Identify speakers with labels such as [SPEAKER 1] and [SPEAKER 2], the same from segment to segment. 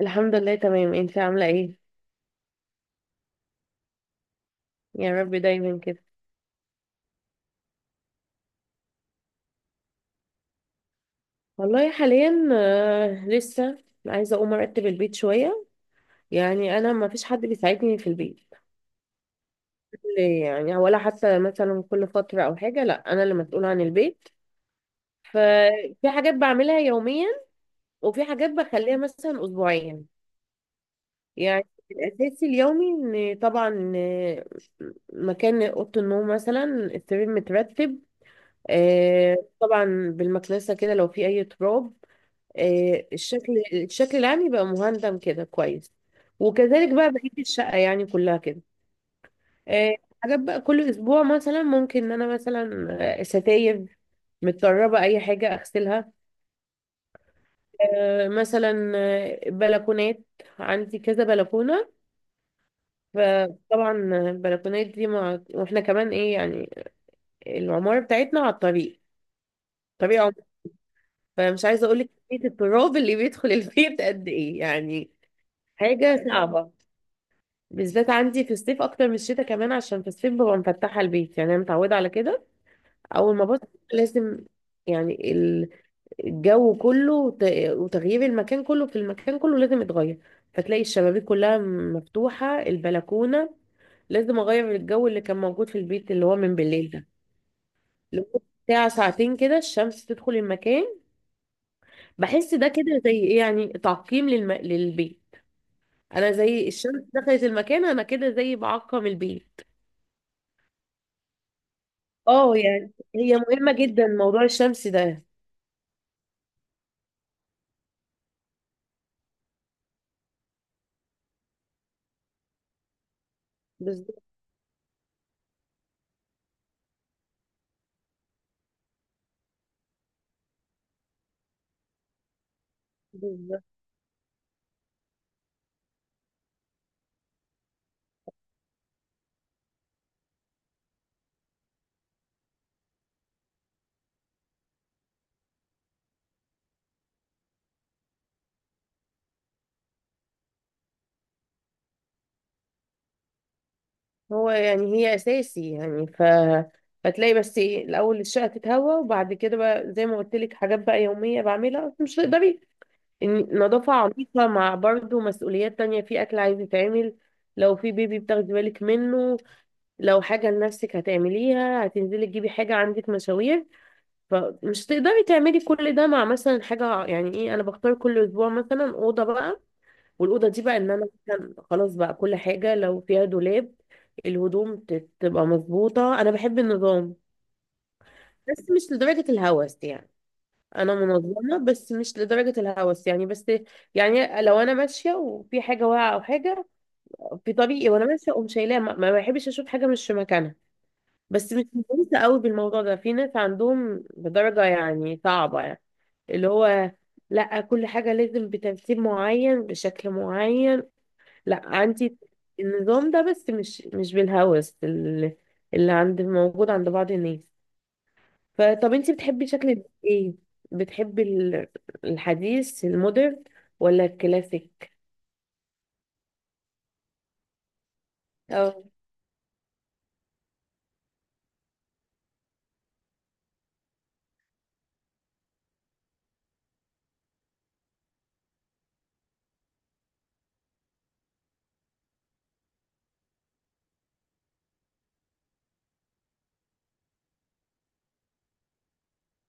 [SPEAKER 1] الحمد لله تمام، انت عاملة ايه؟ يا رب دايما كده. والله حاليا لسه عايزة اقوم ارتب البيت شوية. يعني انا ما فيش حد بيساعدني في البيت. ولا حتى مثلا كل فترة او حاجة، لا انا اللي مسؤولة عن البيت. ففي حاجات بعملها يوميا، وفي حاجات بخليها مثلا اسبوعيا. يعني الاساسي اليومي ان طبعا مكان اوضه النوم مثلا، السرير مترتب طبعا. بالمكنسه كده لو في اي تراب. الشكل العام يبقى مهندم كده كويس. وكذلك بقى بقية الشقة يعني كلها كده. آه، حاجات بقى كل أسبوع مثلا ممكن إن أنا مثلا ستاير متطربة أي حاجة أغسلها. مثلا بلكونات، عندي كذا بلكونة. فطبعا البلكونات دي واحنا كمان ايه يعني، العمارة بتاعتنا على الطريق، طريق عمر. فمش عايزة أقولك كمية التراب اللي بيدخل البيت قد ايه يعني، حاجة صعبة. بالذات عندي في الصيف اكتر من الشتاء، كمان عشان في الصيف ببقى مفتحه البيت. يعني انا متعوده على كده، اول ما بصحى لازم، يعني الجو كله وتغيير المكان كله، في المكان كله لازم يتغير. فتلاقي الشبابيك كلها مفتوحه، البلكونه، لازم اغير الجو اللي كان موجود في البيت اللي هو من بالليل ده، لمدة ساعة ساعتين كده الشمس تدخل المكان. بحس ده كده زي ايه يعني، تعقيم للبيت. انا زي الشمس دخلت المكان، انا كده زي بعقم البيت. اه يعني هي مهمة جدا موضوع الشمس ده. بالظبط. بالظبط. هو يعني هي أساسي يعني، ف فتلاقي بس ايه الأول الشقة تتهوى، وبعد كده بقى زي ما قلت لك حاجات بقى يومية بعملها، بس مش تقدري نظافة عميقة مع برضه مسؤوليات تانية، في أكل عايز يتعمل، لو في بيبي بتاخدي بالك منه، لو حاجة لنفسك هتعمليها، هتنزلي تجيبي حاجة، عندك مشاوير. فمش تقدري تعملي كل ده. مع مثلا حاجة يعني ايه، أنا بختار كل أسبوع مثلا أوضة بقى، والاوضه دي بقى ان انا مثلا خلاص بقى كل حاجه لو فيها دولاب، الهدوم تبقى مظبوطه. انا بحب النظام بس مش لدرجه الهوس يعني. انا منظمه بس مش لدرجه الهوس يعني. بس يعني لو انا ماشيه وفي حاجه واقعه او حاجه في طريقي وانا ماشيه اقوم شايلاها، ما بحبش اشوف حاجه مش في مكانها. بس مش مهتمه قوي بالموضوع ده. في ناس عندهم بدرجه يعني صعبه يعني، اللي هو لا كل حاجه لازم بترتيب معين بشكل معين. لا عندي النظام ده بس مش مش بالهوس اللي عند موجود عند بعض الناس. فطب انتي بتحبي شكل ايه؟ بتحبي الحديث، المودرن ولا الكلاسيك؟ اه.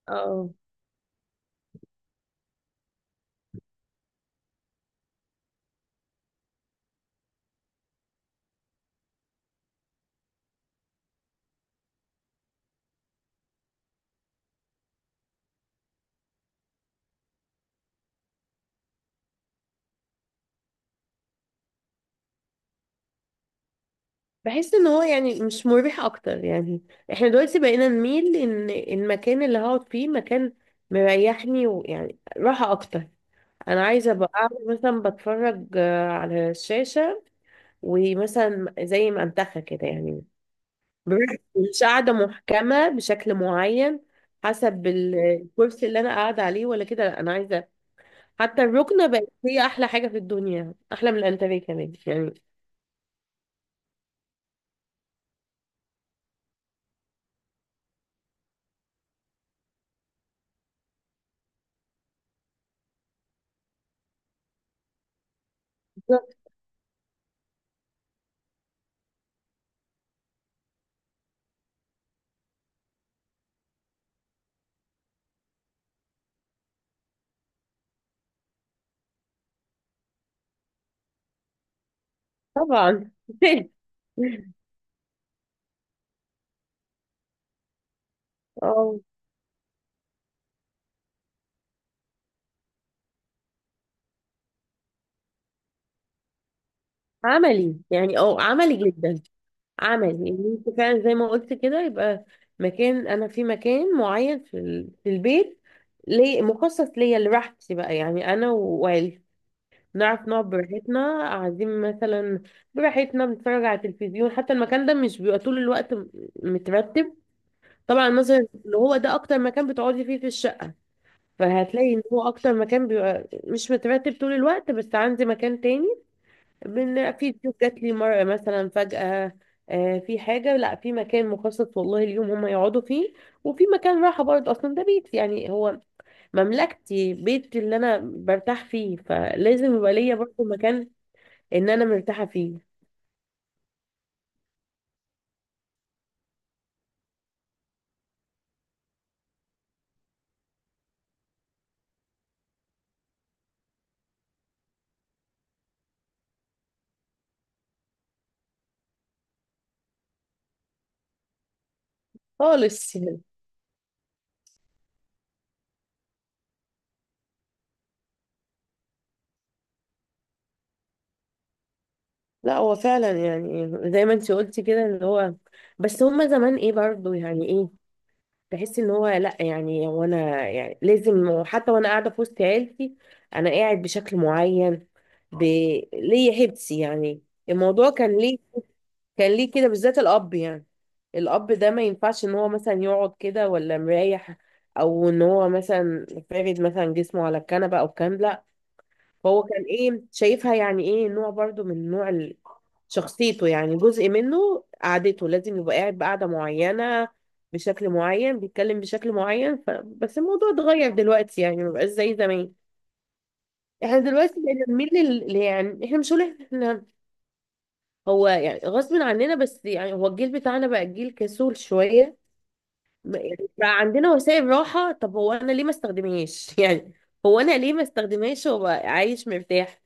[SPEAKER 1] اه. بحس ان هو يعني مش مريح اكتر يعني. احنا دلوقتي بقينا نميل ان المكان اللي هقعد فيه مكان مريحني ويعني راحة اكتر. انا عايزة ابقى قاعدة مثلا بتفرج على الشاشة، ومثلا زي ما انتخى كده يعني، مش قاعدة محكمة بشكل معين حسب الكرسي اللي انا قاعدة عليه ولا كده، لا انا عايزة. حتى الركنة بقت هي احلى حاجة في الدنيا، احلى من الانتريه كمان يعني. طبعا اه عملي يعني، اه عملي جدا. عملي يعني، انت فعلا زي ما قلت كده، يبقى مكان انا في مكان معين في البيت ليه مخصص ليا لراحتي بقى يعني، انا وعيلتي نعرف نقعد براحتنا، قاعدين مثلا براحتنا بنتفرج على التلفزيون. حتى المكان ده مش بيبقى طول الوقت مترتب، طبعا، مثلا اللي هو ده اكتر مكان بتقعدي فيه في الشقة. فهتلاقي ان هو اكتر مكان بيبقى مش مترتب طول الوقت، بس عندي مكان تاني. في ضيوف جات لي مرة مثلا فجأة، في حاجة، لا في مكان مخصص والله اليوم هم يقعدوا فيه. وفي مكان راحة برضه، اصلا ده بيت يعني هو مملكتي، بيتي اللي انا برتاح فيه، فلازم يبقى ليا برضه مكان ان انا مرتاحه فيه. خالص يعني. لا هو فعلا يعني زي ما انت قلتي كده اللي هو، بس هما زمان ايه برضو يعني ايه، تحس ان هو لا يعني هو انا يعني لازم حتى وانا قاعده في وسط عيلتي انا قاعد بشكل معين، ب... ليا حبسي يعني. الموضوع كان ليه كان ليه كده، بالذات الاب يعني. الاب ده ما ينفعش ان هو مثلا يقعد كده ولا مريح، او ان هو مثلا فارد مثلا جسمه على الكنبه او الكلام ده. هو كان ايه شايفها يعني ايه، نوع برضو من نوع شخصيته يعني جزء منه، قعدته لازم يبقى قاعد بقعدة معينة بشكل معين، بيتكلم بشكل معين. بس الموضوع اتغير دلوقتي يعني، مبقاش زي زمان. احنا دلوقتي بقينا بنميل يعني احنا مش هقول احنا، هو يعني غصب عننا، بس يعني هو الجيل بتاعنا بقى جيل كسول شوية. يعني بقى عندنا وسائل راحة، طب هو انا ليه ما استخدمهاش يعني، هو انا ليه ما استخدمهاش وابقى عايش مرتاح.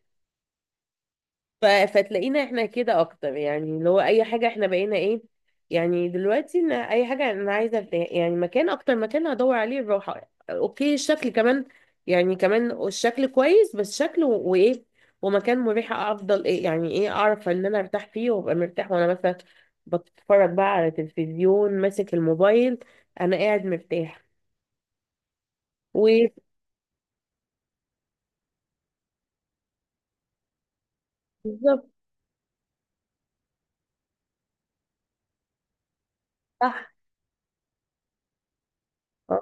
[SPEAKER 1] فتلاقينا احنا كده اكتر يعني، اللي هو اي حاجه احنا بقينا ايه يعني، دلوقتي ان اي حاجه انا عايزه ارتاح يعني، مكان اكتر مكان هدور عليه الراحه، اوكي الشكل كمان، يعني كمان الشكل كويس، بس شكل وايه، ومكان مريح افضل، ايه يعني ايه، اعرف ان انا ارتاح فيه وابقى مرتاح وانا مثلا بتفرج بقى على تلفزيون ماسك الموبايل، انا قاعد مرتاح. وبالظبط. صح. اه.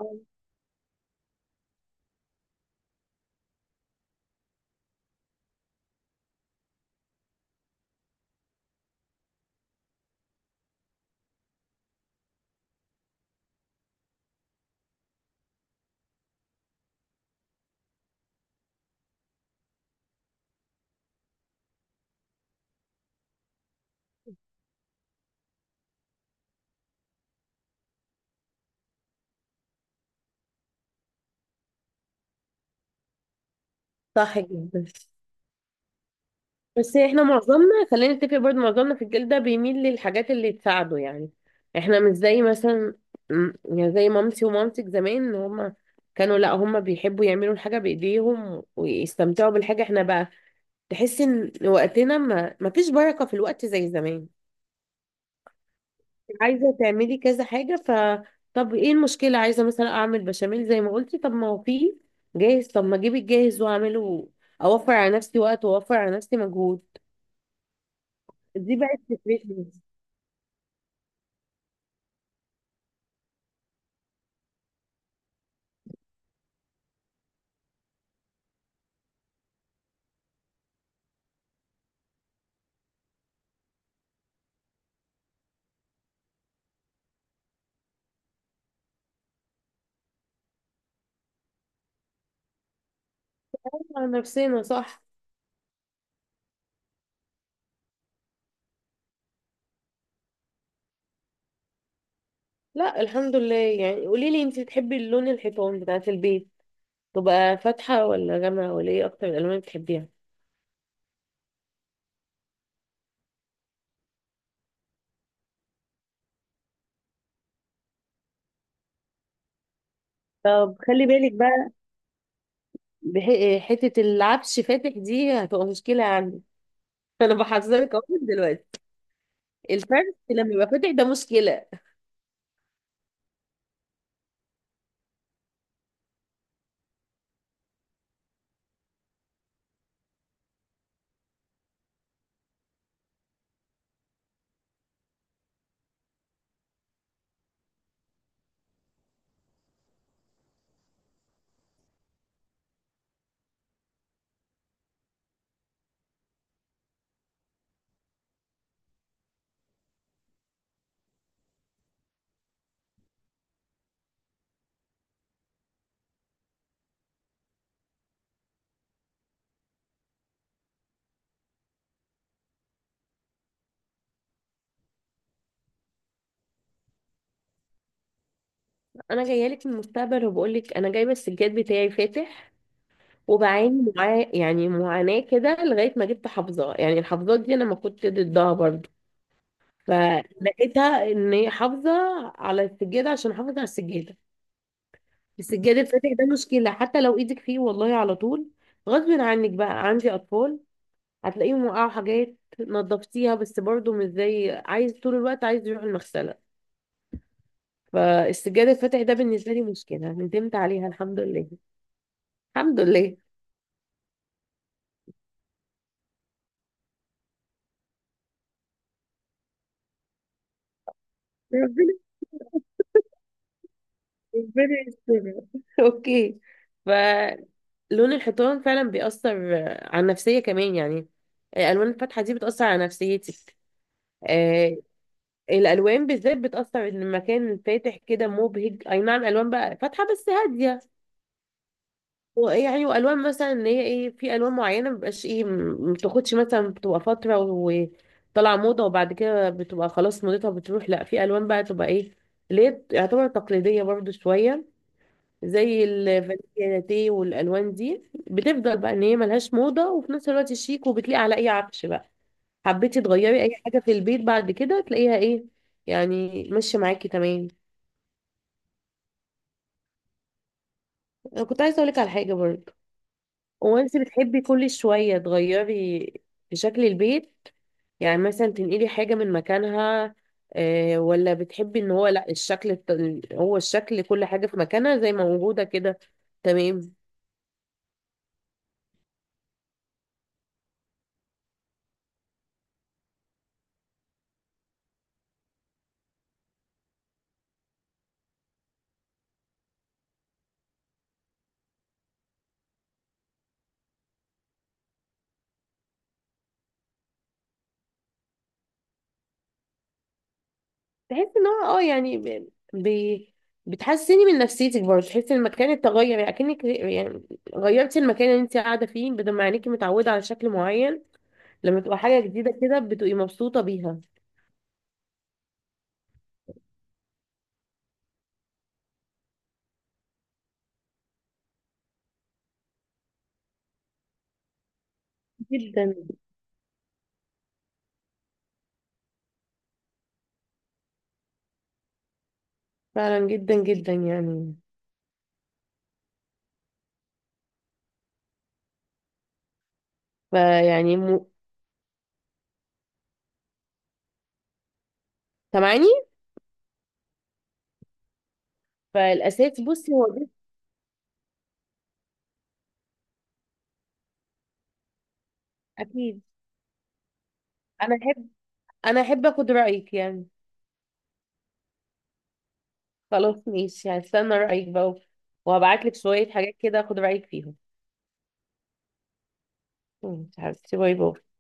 [SPEAKER 1] صح جدا. بس احنا معظمنا خلينا نتفق، برضه معظمنا في الجيل ده بيميل للحاجات اللي تساعده يعني. احنا مش زي مثلا يعني زي مامتي ومامتك زمان، ان هما كانوا لا هما بيحبوا يعملوا الحاجة بإيديهم ويستمتعوا بالحاجة. احنا بقى تحس ان وقتنا ما فيش بركة في الوقت زي زمان. عايزة تعملي كذا حاجة، ف طب ايه المشكلة، عايزة مثلا اعمل بشاميل زي ما قلتي، طب ما هو فيه جاهز، طب ما اجيب الجاهز واعمله، اوفر على نفسي وقت واوفر على نفسي مجهود. دي بقت فكرتي. على نفسنا، صح. لا الحمد لله يعني. قولي لي انت بتحبي اللون، الحيطان بتاعت البيت تبقى فاتحة ولا غامقة ولا ايه، اكتر الالوان اللي بتحبيها؟ طب خلي بالك بقى، حتة العفش فاتح دي هتبقى مشكلة عندي أنا بحذرك أهو من دلوقتي. الفرش لما يبقى فاتح ده مشكلة. أنا جاية لك من المستقبل وبقول لك، أنا جايبة السجاد بتاعي فاتح وبعاني معاه يعني معاناة كده، لغاية ما جبت حافظة. يعني الحافظات دي أنا ما كنت ضدها برضه، فلقيتها ان هي حافظه على السجاده، عشان حافظه على السجاده. السجاده الفاتح ده مشكله، حتى لو ايدك فيه والله على طول، غصب عنك بقى. عندي اطفال، هتلاقيهم وقعوا حاجات نظفتيها، بس برضو مش زي، عايز طول الوقت عايز يروح المغسله. فالسجاده الفاتح ده بالنسبه لي مشكله، ندمت عليها. الحمد لله. الحمد لله. ربنا، ربنا يستر اوكي، فلون الحيطان فعلا بيأثر على النفسيه كمان يعني. الالوان الفاتحه دي بتأثر على نفسيتك. آه. الالوان بالذات بتاثر، ان المكان فاتح كده مبهج. اي نعم الوان بقى فاتحه بس هاديه، ويعني والوان مثلا ان هي ايه، في الوان معينه مبقاش ايه، ما بتاخدش مثلا، بتبقى فتره وطالعه موضه وبعد كده بتبقى خلاص موضتها بتروح. لا في الوان بقى تبقى ايه، اللي هي يعتبر تقليديه برضو شويه، زي الفانيليا لاتيه، والالوان دي بتفضل بقى ان هي ملهاش موضه، وفي نفس الوقت شيك وبتليق على اي عفش بقى. حبيتي تغيري اي حاجه في البيت بعد كده تلاقيها ايه، يعني ماشيه معاكي تمام. انا كنت عايزه اقولك على حاجه برضه، هو انت بتحبي كل شويه تغيري في شكل البيت، يعني مثلا تنقلي حاجه من مكانها، آه، ولا بتحبي ان هو لا، الشكل هو الشكل كل حاجه في مكانها زي ما موجوده كده تمام؟ تحسي ان هو اه يعني بتحسني من نفسيتك برضه، تحسي ان المكان اتغير يعني، اكنك يعني غيرتي المكان اللي انت قاعده فيه، بدل ما عينيكي متعوده على شكل معين، لما تبقى حاجة جديدة كده بتبقي مبسوطة بيها. جدا، فعلا جدا جدا يعني. فيعني سامعاني؟ فالأساس بصي هو ده. أكيد. أنا أحب، أنا أحب أخد رأيك يعني. خلاص ماشي، هستنى رأيك بقى، وهبعتلك شوية حاجات كده أخد رأيك فيهم. ماشي حبيبتي، باي باي.